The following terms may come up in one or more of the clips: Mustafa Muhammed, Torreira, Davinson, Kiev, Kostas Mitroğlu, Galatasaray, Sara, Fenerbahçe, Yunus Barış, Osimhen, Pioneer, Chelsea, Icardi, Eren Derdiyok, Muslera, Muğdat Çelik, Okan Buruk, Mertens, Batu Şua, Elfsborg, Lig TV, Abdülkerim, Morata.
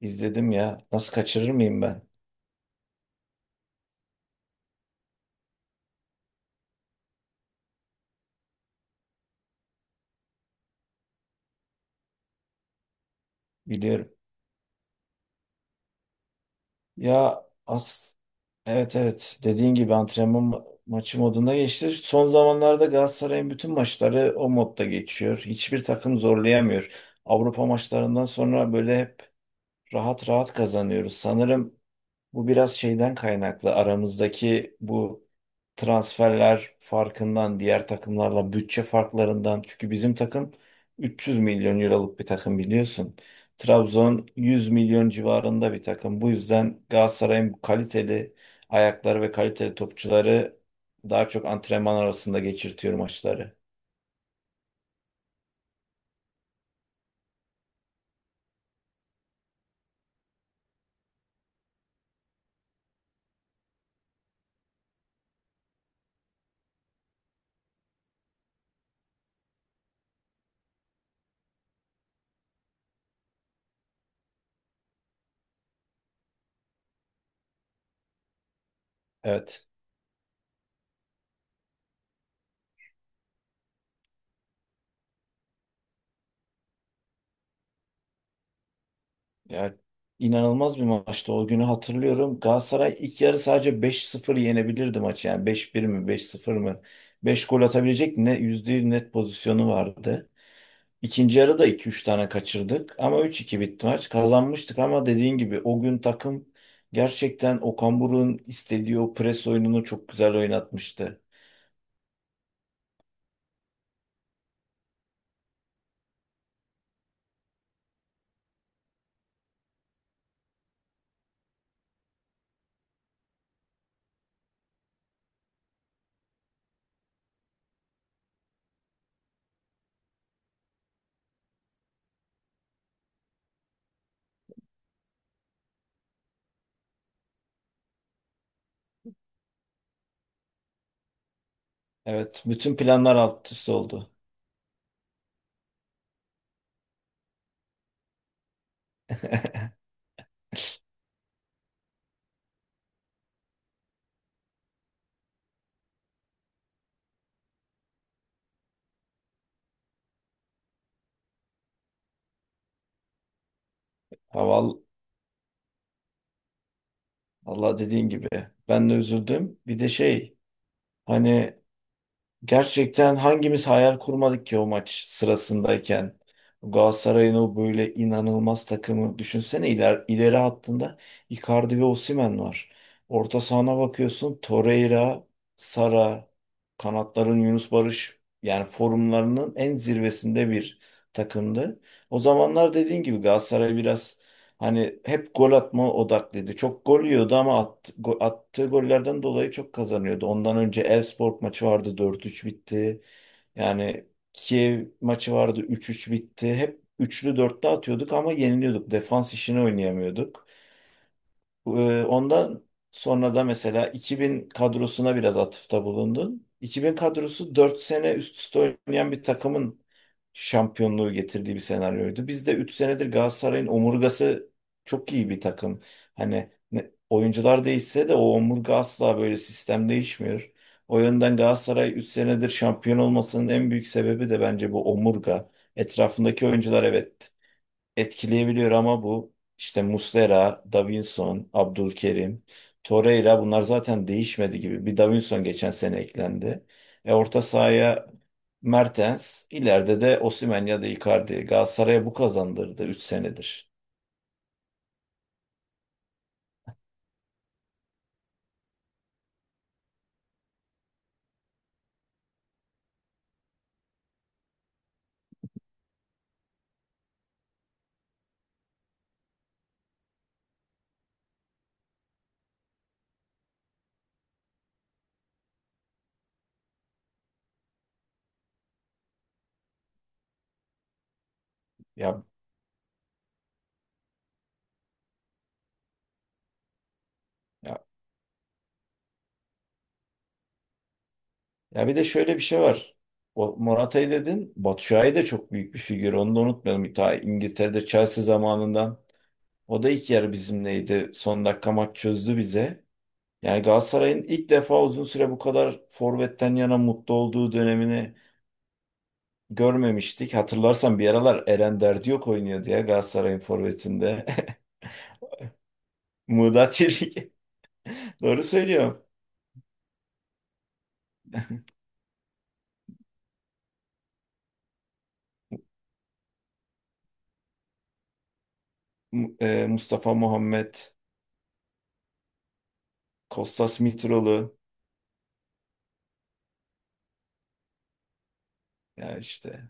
İzledim ya. Nasıl kaçırır mıyım ben? Biliyorum. Ya as evet evet, dediğin gibi maçı moduna geçti. Son zamanlarda Galatasaray'ın bütün maçları o modda geçiyor. Hiçbir takım zorlayamıyor. Avrupa maçlarından sonra böyle hep rahat rahat kazanıyoruz. Sanırım bu biraz şeyden kaynaklı. Aramızdaki bu transferler farkından, diğer takımlarla bütçe farklarından. Çünkü bizim takım 300 milyon euroluk bir takım biliyorsun. Trabzon 100 milyon civarında bir takım. Bu yüzden Galatasaray'ın bu kaliteli ayakları ve kaliteli topçuları daha çok antrenman arasında geçirtiyor maçları. Evet. Ya, inanılmaz bir maçtı. O günü hatırlıyorum. Galatasaray ilk yarı sadece 5-0 yenebilirdi maçı. Yani 5-1 mi, 5-0 mı? Beş gol atabilecek ne %100 net pozisyonu vardı. İkinci yarı da 2-3 tane kaçırdık ama 3-2 bitti maç. Kazanmıştık ama dediğin gibi o gün takım gerçekten Okan Buruk'un istediği o pres oyununu çok güzel oynatmıştı. Evet, bütün planlar alt üst oldu. Ha, val- Valla dediğin gibi. Ben de üzüldüm. Bir de hani gerçekten hangimiz hayal kurmadık ki o maç sırasındayken? Galatasaray'ın o böyle inanılmaz takımı düşünsene, ileri hattında Icardi ve Osimhen var. Orta sahana bakıyorsun Torreira, Sara, kanatların Yunus Barış, yani formlarının en zirvesinde bir takımdı. O zamanlar dediğin gibi Galatasaray biraz hani hep gol atma odaklıydı. Çok gol yiyordu ama attığı gollerden dolayı çok kazanıyordu. Ondan önce Elfsborg maçı vardı, 4-3 bitti. Yani Kiev maçı vardı, 3-3 bitti. Hep üçlü dörtlü atıyorduk ama yeniliyorduk. Defans işini oynayamıyorduk. Ondan sonra da mesela 2000 kadrosuna biraz atıfta bulundun. 2000 kadrosu 4 sene üst üste oynayan bir takımın şampiyonluğu getirdiği bir senaryoydu. Biz de 3 senedir Galatasaray'ın omurgası çok iyi bir takım. Oyuncular değişse de o omurga, asla böyle sistem değişmiyor. O yönden Galatasaray 3 senedir şampiyon olmasının en büyük sebebi de bence bu omurga. Etrafındaki oyuncular evet etkileyebiliyor ama bu işte Muslera, Davinson, Abdülkerim, Torreira bunlar zaten değişmedi gibi. Bir Davinson geçen sene eklendi. E orta sahaya Mertens, ileride de Osimhen ya da Icardi. Galatasaray'a bu kazandırdı 3 senedir. Ya, ya, ya, bir de şöyle bir şey var. O Morata'yı dedin. Batu Şua'yı da, çok büyük bir figür. Onu da unutmayalım. Ta İngiltere'de Chelsea zamanından. O da ilk yarı bizimleydi. Son dakika maç çözdü bize. Yani Galatasaray'ın ilk defa uzun süre bu kadar forvetten yana mutlu olduğu dönemini görmemiştik. Hatırlarsan bir aralar Eren Derdiyok oynuyordu ya Galatasaray'ın forvetinde. Muğdat Çelik. Doğru söylüyorum. Mustafa Muhammed, Kostas Mitroğlu. Yani işte,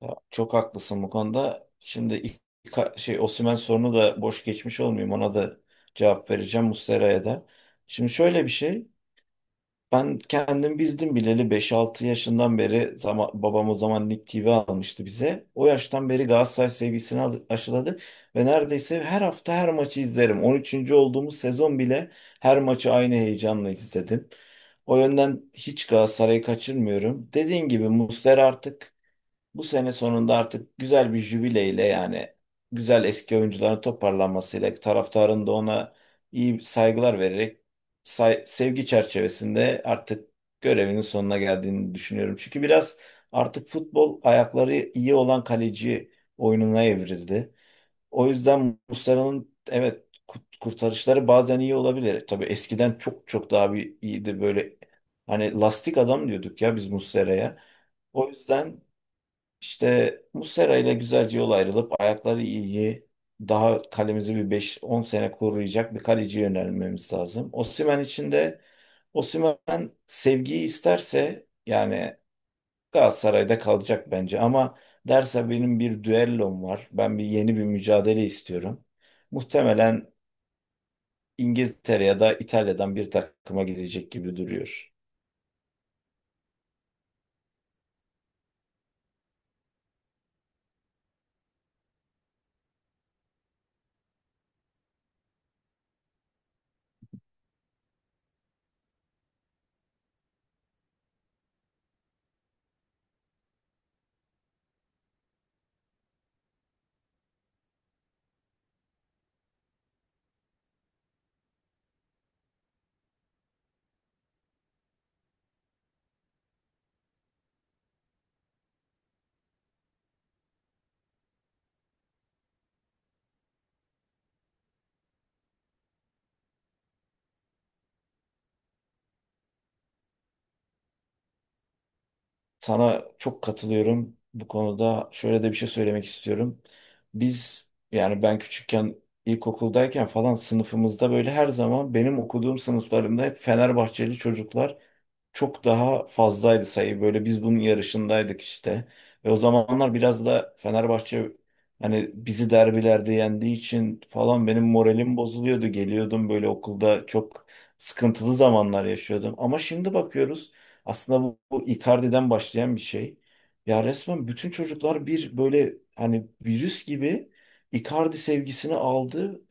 ya çok haklısın bu konuda. Şimdi Osimhen sorunu da boş geçmiş olmayayım. Ona da cevap vereceğim, Muslera'ya da. Şimdi şöyle bir şey. Ben kendim bildim bileli 5-6 yaşından beri zaman, babam o zaman Lig TV almıştı bize. O yaştan beri Galatasaray sevgisini aşıladı ve neredeyse her hafta her maçı izlerim. 13. olduğumuz sezon bile her maçı aynı heyecanla izledim. O yönden hiç Galatasaray'ı kaçırmıyorum. Dediğin gibi Muslera artık bu sene sonunda artık güzel bir jübileyle, yani güzel eski oyuncuların toparlanmasıyla, taraftarın da ona iyi saygılar vererek, sevgi çerçevesinde artık görevinin sonuna geldiğini düşünüyorum. Çünkü biraz artık futbol ayakları iyi olan kaleci oyununa evrildi. O yüzden Muslera'nın evet kurtarışları bazen iyi olabilir. Tabii eskiden çok çok daha bir iyiydi, böyle hani lastik adam diyorduk ya biz Muslera'ya. O yüzden işte Muslera ile güzelce yol ayrılıp ayakları iyi, daha kalemizi bir beş on sene koruyacak bir kaleci yönelmemiz lazım. Osimhen için de Osimhen sevgiyi isterse, yani Galatasaray'da kalacak bence ama derse benim bir düellom var, ben bir yeni bir mücadele istiyorum. Muhtemelen İngiltere ya da İtalya'dan bir takıma gidecek gibi duruyor. Sana çok katılıyorum bu konuda. Şöyle de bir şey söylemek istiyorum. Biz yani ben küçükken, ilkokuldayken falan sınıfımızda böyle her zaman benim okuduğum sınıflarımda hep Fenerbahçeli çocuklar çok daha fazlaydı sayı. Böyle biz bunun yarışındaydık işte. Ve o zamanlar biraz da Fenerbahçe hani bizi derbilerde yendiği için falan benim moralim bozuluyordu. Geliyordum böyle okulda, çok sıkıntılı zamanlar yaşıyordum. Ama şimdi bakıyoruz aslında bu, bu Icardi'den başlayan bir şey. Ya resmen bütün çocuklar bir böyle hani virüs gibi Icardi sevgisini aldı.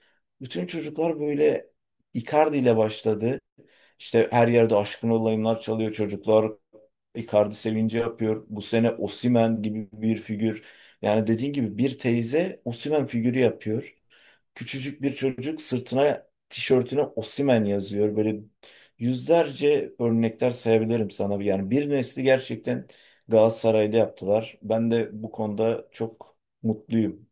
Bütün çocuklar böyle Icardi ile başladı. İşte her yerde aşkın olayımlar çalıyor çocuklar. Icardi sevinci yapıyor. Bu sene Osimhen gibi bir figür. Yani dediğin gibi bir teyze Osimhen figürü yapıyor. Küçücük bir çocuk sırtına, tişörtüne Osimhen yazıyor. Böyle yüzlerce örnekler sayabilirim sana. Yani bir nesli gerçekten Galatasaraylı yaptılar. Ben de bu konuda çok mutluyum.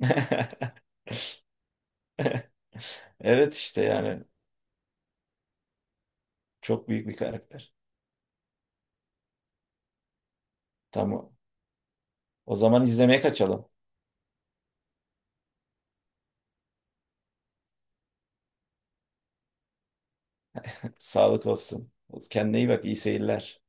Evet işte yani çok büyük bir karakter. Tamam. O zaman izlemeye kaçalım. Sağlık olsun. Kendine iyi bak. İyi seyirler.